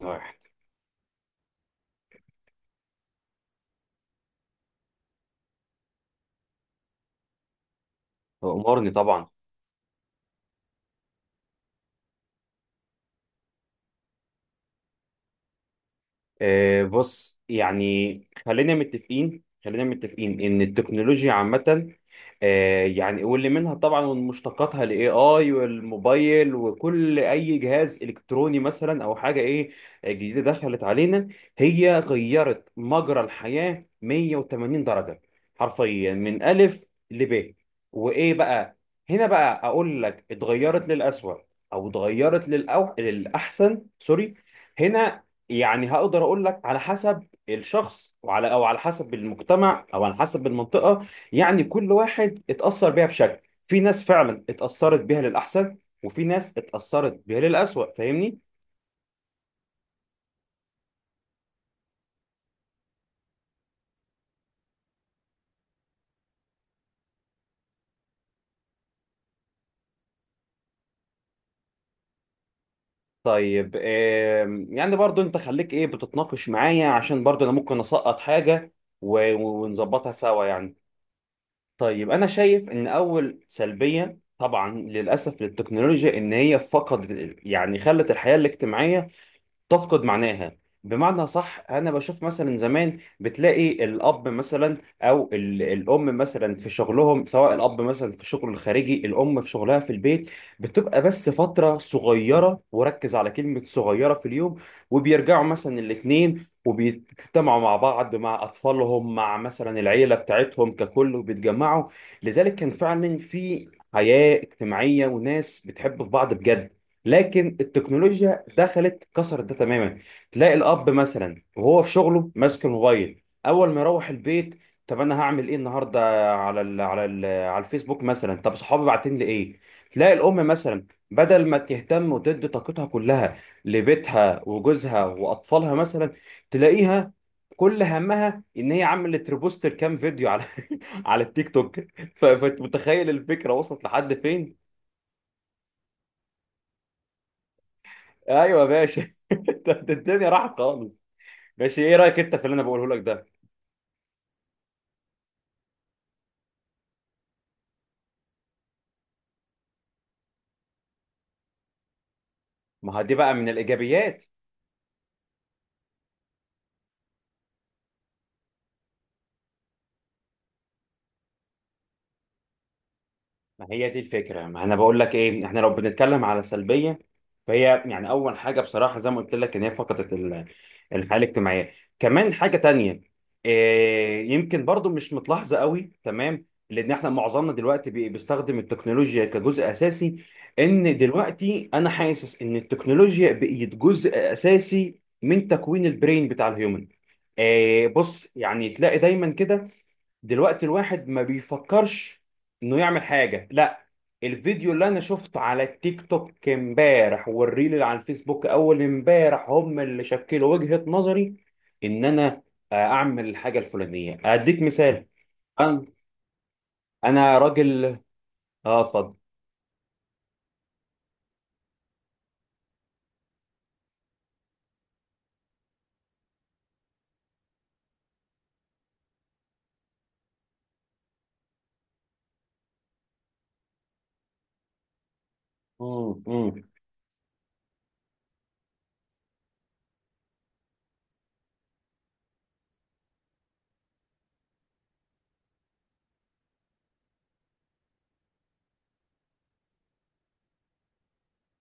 واحد. هو أمرني طبعا. بص يعني، خلينا متفقين ان التكنولوجيا عامة. يعني، واللي منها طبعا ومشتقاتها الاي اي والموبايل وكل اي جهاز الكتروني مثلا او حاجة ايه جديدة دخلت علينا. هي غيرت مجرى الحياة 180 درجة، حرفيا من الف لب. وايه بقى؟ هنا بقى اقول لك اتغيرت للأسوأ او اتغيرت للأحسن، سوري. هنا يعني هقدر اقول لك على حسب الشخص وعلى او على حسب المجتمع او على حسب المنطقه. يعني كل واحد اتاثر بيها بشكل، في ناس فعلا اتاثرت بيها للاحسن، وفي ناس اتاثرت بيها للاسوء، فاهمني؟ طيب يعني برضو انت خليك ايه بتتناقش معايا، عشان برضو انا ممكن اسقط حاجه ونظبطها سوا يعني. طيب، انا شايف ان اول سلبيه طبعا للاسف للتكنولوجيا ان هي فقدت، يعني خلت الحياه الاجتماعيه تفقد معناها. بمعنى، صح، انا بشوف مثلا زمان بتلاقي الاب مثلا الام مثلا في شغلهم، سواء الاب مثلا في شغله الخارجي، الام في شغلها في البيت، بتبقى بس فتره صغيره، وركز على كلمه صغيره، في اليوم. وبيرجعوا مثلا الاتنين وبيجتمعوا مع بعض، مع اطفالهم، مع مثلا العيله بتاعتهم ككل، وبيتجمعوا. لذلك كان فعلا في حياه اجتماعيه، وناس بتحب في بعض بجد. لكن التكنولوجيا دخلت كسرت ده تماما. تلاقي الاب مثلا وهو في شغله ماسك الموبايل، اول ما يروح البيت، طب انا هعمل ايه النهارده؟ على الفيسبوك مثلا. طب صحابي باعتين لي ايه؟ تلاقي الام مثلا، بدل ما تهتم وتدي طاقتها كلها لبيتها وجوزها واطفالها مثلا، تلاقيها كل همها ان هي عملت ريبوست كام فيديو على على التيك توك. فمتخيل الفكره وصلت لحد فين؟ ايوه يا باشا، ده الدنيا راحت خالص. ماشي، ايه رايك انت في اللي انا بقوله لك ده؟ ما هو دي بقى من الايجابيات. ما هي دي الفكرة، ما انا بقول لك ايه، احنا لو بنتكلم على سلبية فهي، يعني اول حاجة بصراحة زي ما قلت لك، ان هي فقدت الحياة الاجتماعية. كمان حاجة تانية، إيه، يمكن برضو مش متلاحظة قوي، تمام، لان احنا معظمنا دلوقتي بيستخدم التكنولوجيا كجزء اساسي. ان دلوقتي انا حاسس ان التكنولوجيا بقت جزء اساسي من تكوين البرين بتاع الهيومن. إيه بص، يعني تلاقي دايما كده دلوقتي الواحد ما بيفكرش انه يعمل حاجه، لا، الفيديو اللي انا شفته على التيك توك امبارح والريل اللي على الفيسبوك اول امبارح هم اللي شكلوا وجهة نظري ان انا اعمل الحاجه الفلانيه. اديك مثال، انا انا راجل. اه، اتفضل. مم.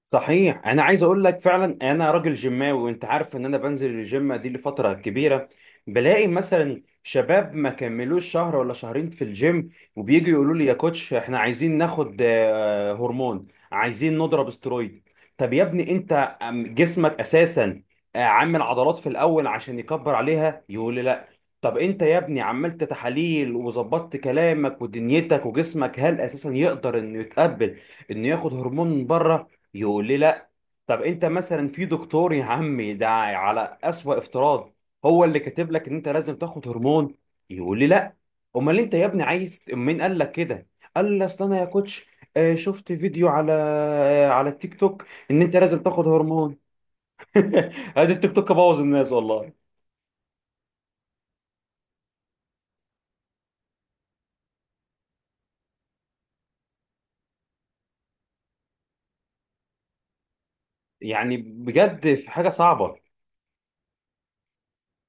صحيح، انا عايز اقول لك فعلا انا راجل جيماوي، وانت عارف ان انا بنزل الجيم دي لفتره كبيره. بلاقي مثلا شباب ما كملوش شهر ولا شهرين في الجيم، وبييجوا يقولوا لي يا كوتش احنا عايزين ناخد هرمون، عايزين نضرب استرويد. طب يا ابني انت، جسمك اساسا عامل عضلات في الاول عشان يكبر عليها؟ يقول لي لا. طب انت يا ابني عملت تحاليل وظبطت كلامك ودنيتك وجسمك، هل اساسا يقدر انه يتقبل انه ياخد هرمون من بره؟ يقول لي لا. طب انت مثلا في دكتور يا عمي، ده على اسوأ افتراض، هو اللي كاتب لك ان انت لازم تاخد هرمون؟ يقول لي لا. امال انت يا ابني عايز، مين قال لك كده؟ قال لي اصل انا يا كوتش شفت فيديو على على التيك توك ان انت لازم تاخد هرمون. ادي التيك توك بوظ الناس والله. يعني بجد في حاجة صعبة.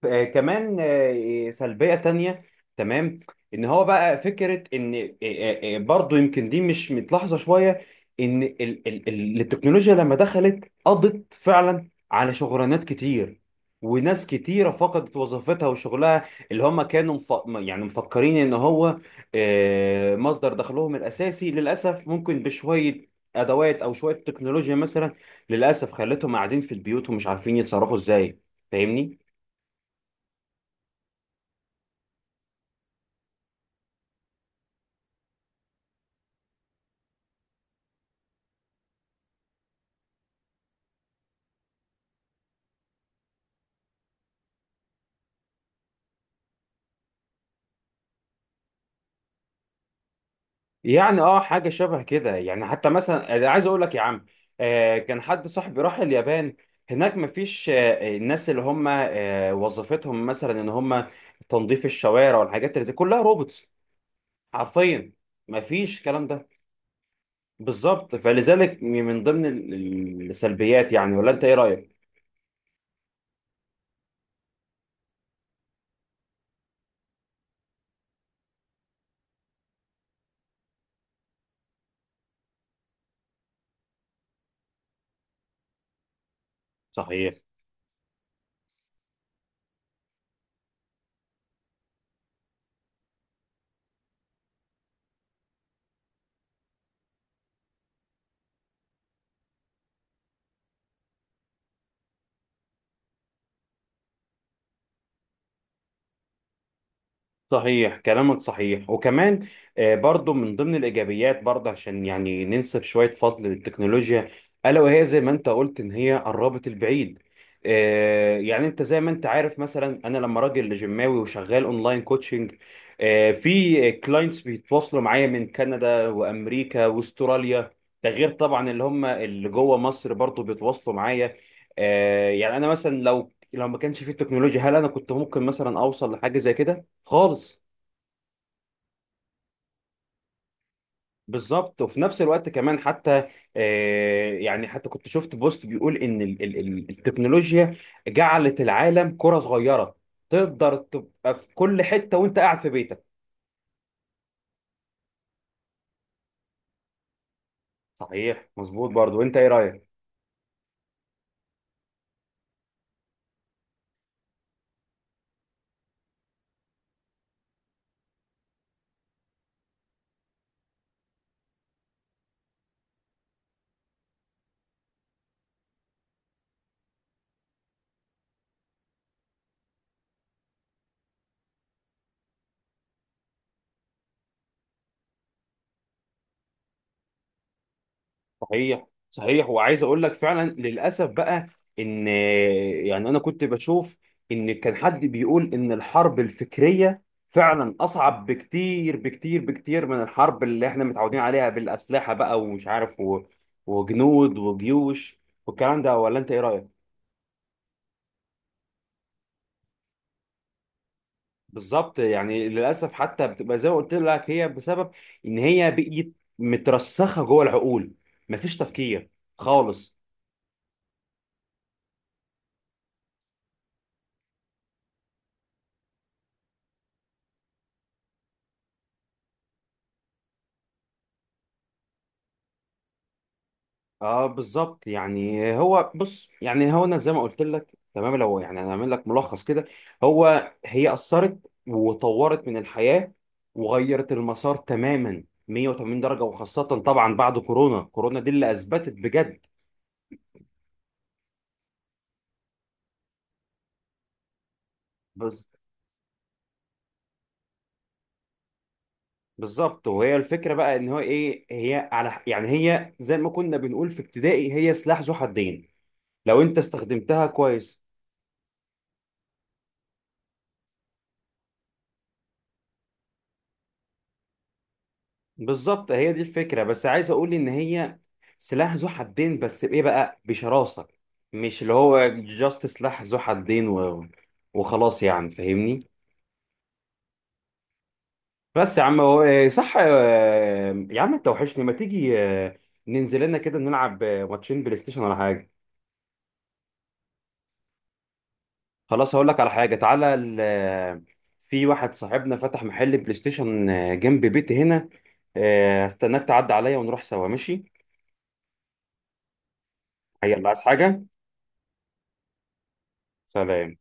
كمان سلبية تانية. تمام. ان هو بقى فكرة ان برضو، يمكن دي مش متلاحظة شوية، ان التكنولوجيا لما دخلت قضت فعلا على شغلانات كتير. وناس كتيرة فقدت وظيفتها وشغلها، اللي هم كانوا يعني مفكرين ان هو مصدر دخلهم الاساسي. للأسف ممكن بشوية ادوات او شوية تكنولوجيا مثلا، للأسف، خلتهم قاعدين في البيوت ومش عارفين يتصرفوا ازاي، فاهمني؟ يعني اه حاجه شبه كده. يعني حتى مثلا أنا عايز اقول لك يا عم، كان حد صاحبي راح اليابان، هناك مفيش الناس اللي هم وظيفتهم مثلا ان هم تنظيف الشوارع والحاجات اللي زي، كلها روبوتس، حرفيا، مفيش الكلام ده. بالظبط، فلذلك من ضمن السلبيات يعني، ولا انت ايه رايك؟ صحيح، صحيح كلامك، صحيح. وكمان برضو من ضمن الإيجابيات برضه، عشان يعني ننسب شوية فضل للتكنولوجيا، ألا وهي زي ما أنت قلت إن هي قربت البعيد. يعني أنت زي ما أنت عارف، مثلا أنا لما راجل جيماوي وشغال أونلاين كوتشنج، في كلاينتس بيتواصلوا معايا من كندا وأمريكا وأستراليا، ده غير طبعا اللي هم اللي جوه مصر برضو بيتواصلوا معايا. يعني أنا مثلا لو ما كانش في التكنولوجيا، هل أنا كنت ممكن مثلا أوصل لحاجة زي كده؟ خالص. بالظبط. وفي نفس الوقت كمان، حتى يعني حتى كنت شفت بوست بيقول ان التكنولوجيا جعلت العالم كرة صغيرة، تقدر تبقى في كل حتة وانت قاعد في بيتك. صحيح، مظبوط. برضو انت ايه رأيك؟ صحيح، صحيح. وعايز اقول لك فعلا للاسف بقى، ان، يعني انا كنت بشوف ان كان حد بيقول ان الحرب الفكريه فعلا اصعب بكتير بكتير بكتير من الحرب اللي احنا متعودين عليها، بالاسلحه بقى ومش عارف وجنود وجيوش والكلام ده، ولا انت ايه رايك؟ بالظبط، يعني للاسف، حتى بتبقى زي ما قلت لك، هي بسبب ان هي بقيت مترسخه جوه العقول، مفيش تفكير خالص. اه، بالظبط. يعني هو بص، يعني هو انا زي ما قلت لك تمام، لو يعني انا اعمل لك ملخص كده، هو هي اثرت وطورت من الحياه وغيرت المسار تماما 180 درجه، وخاصه طبعا بعد كورونا. كورونا دي اللي اثبتت بجد. بز- بالظبط. وهي الفكره بقى ان هو ايه، هي على، يعني هي زي ما كنا بنقول في ابتدائي، هي سلاح ذو حدين، لو انت استخدمتها كويس. بالظبط، هي دي الفكرة. بس عايز اقول ان هي سلاح ذو حدين، بس بايه بقى؟ بشراسة. مش اللي هو جاست سلاح ذو حدين وخلاص يعني، فاهمني؟ بس يا عم، هو صح، يا عم انت وحشني، ما تيجي ننزل لنا كده نلعب ماتشين بلاي ستيشن ولا حاجة؟ خلاص، هقول لك على حاجة، تعالى ال... آه، في واحد صاحبنا فتح محل بلاي ستيشن جنب بيتي هنا. هستناك تعدي عليا ونروح سوا، ماشي؟ يلا، عايز حاجة؟ سلام.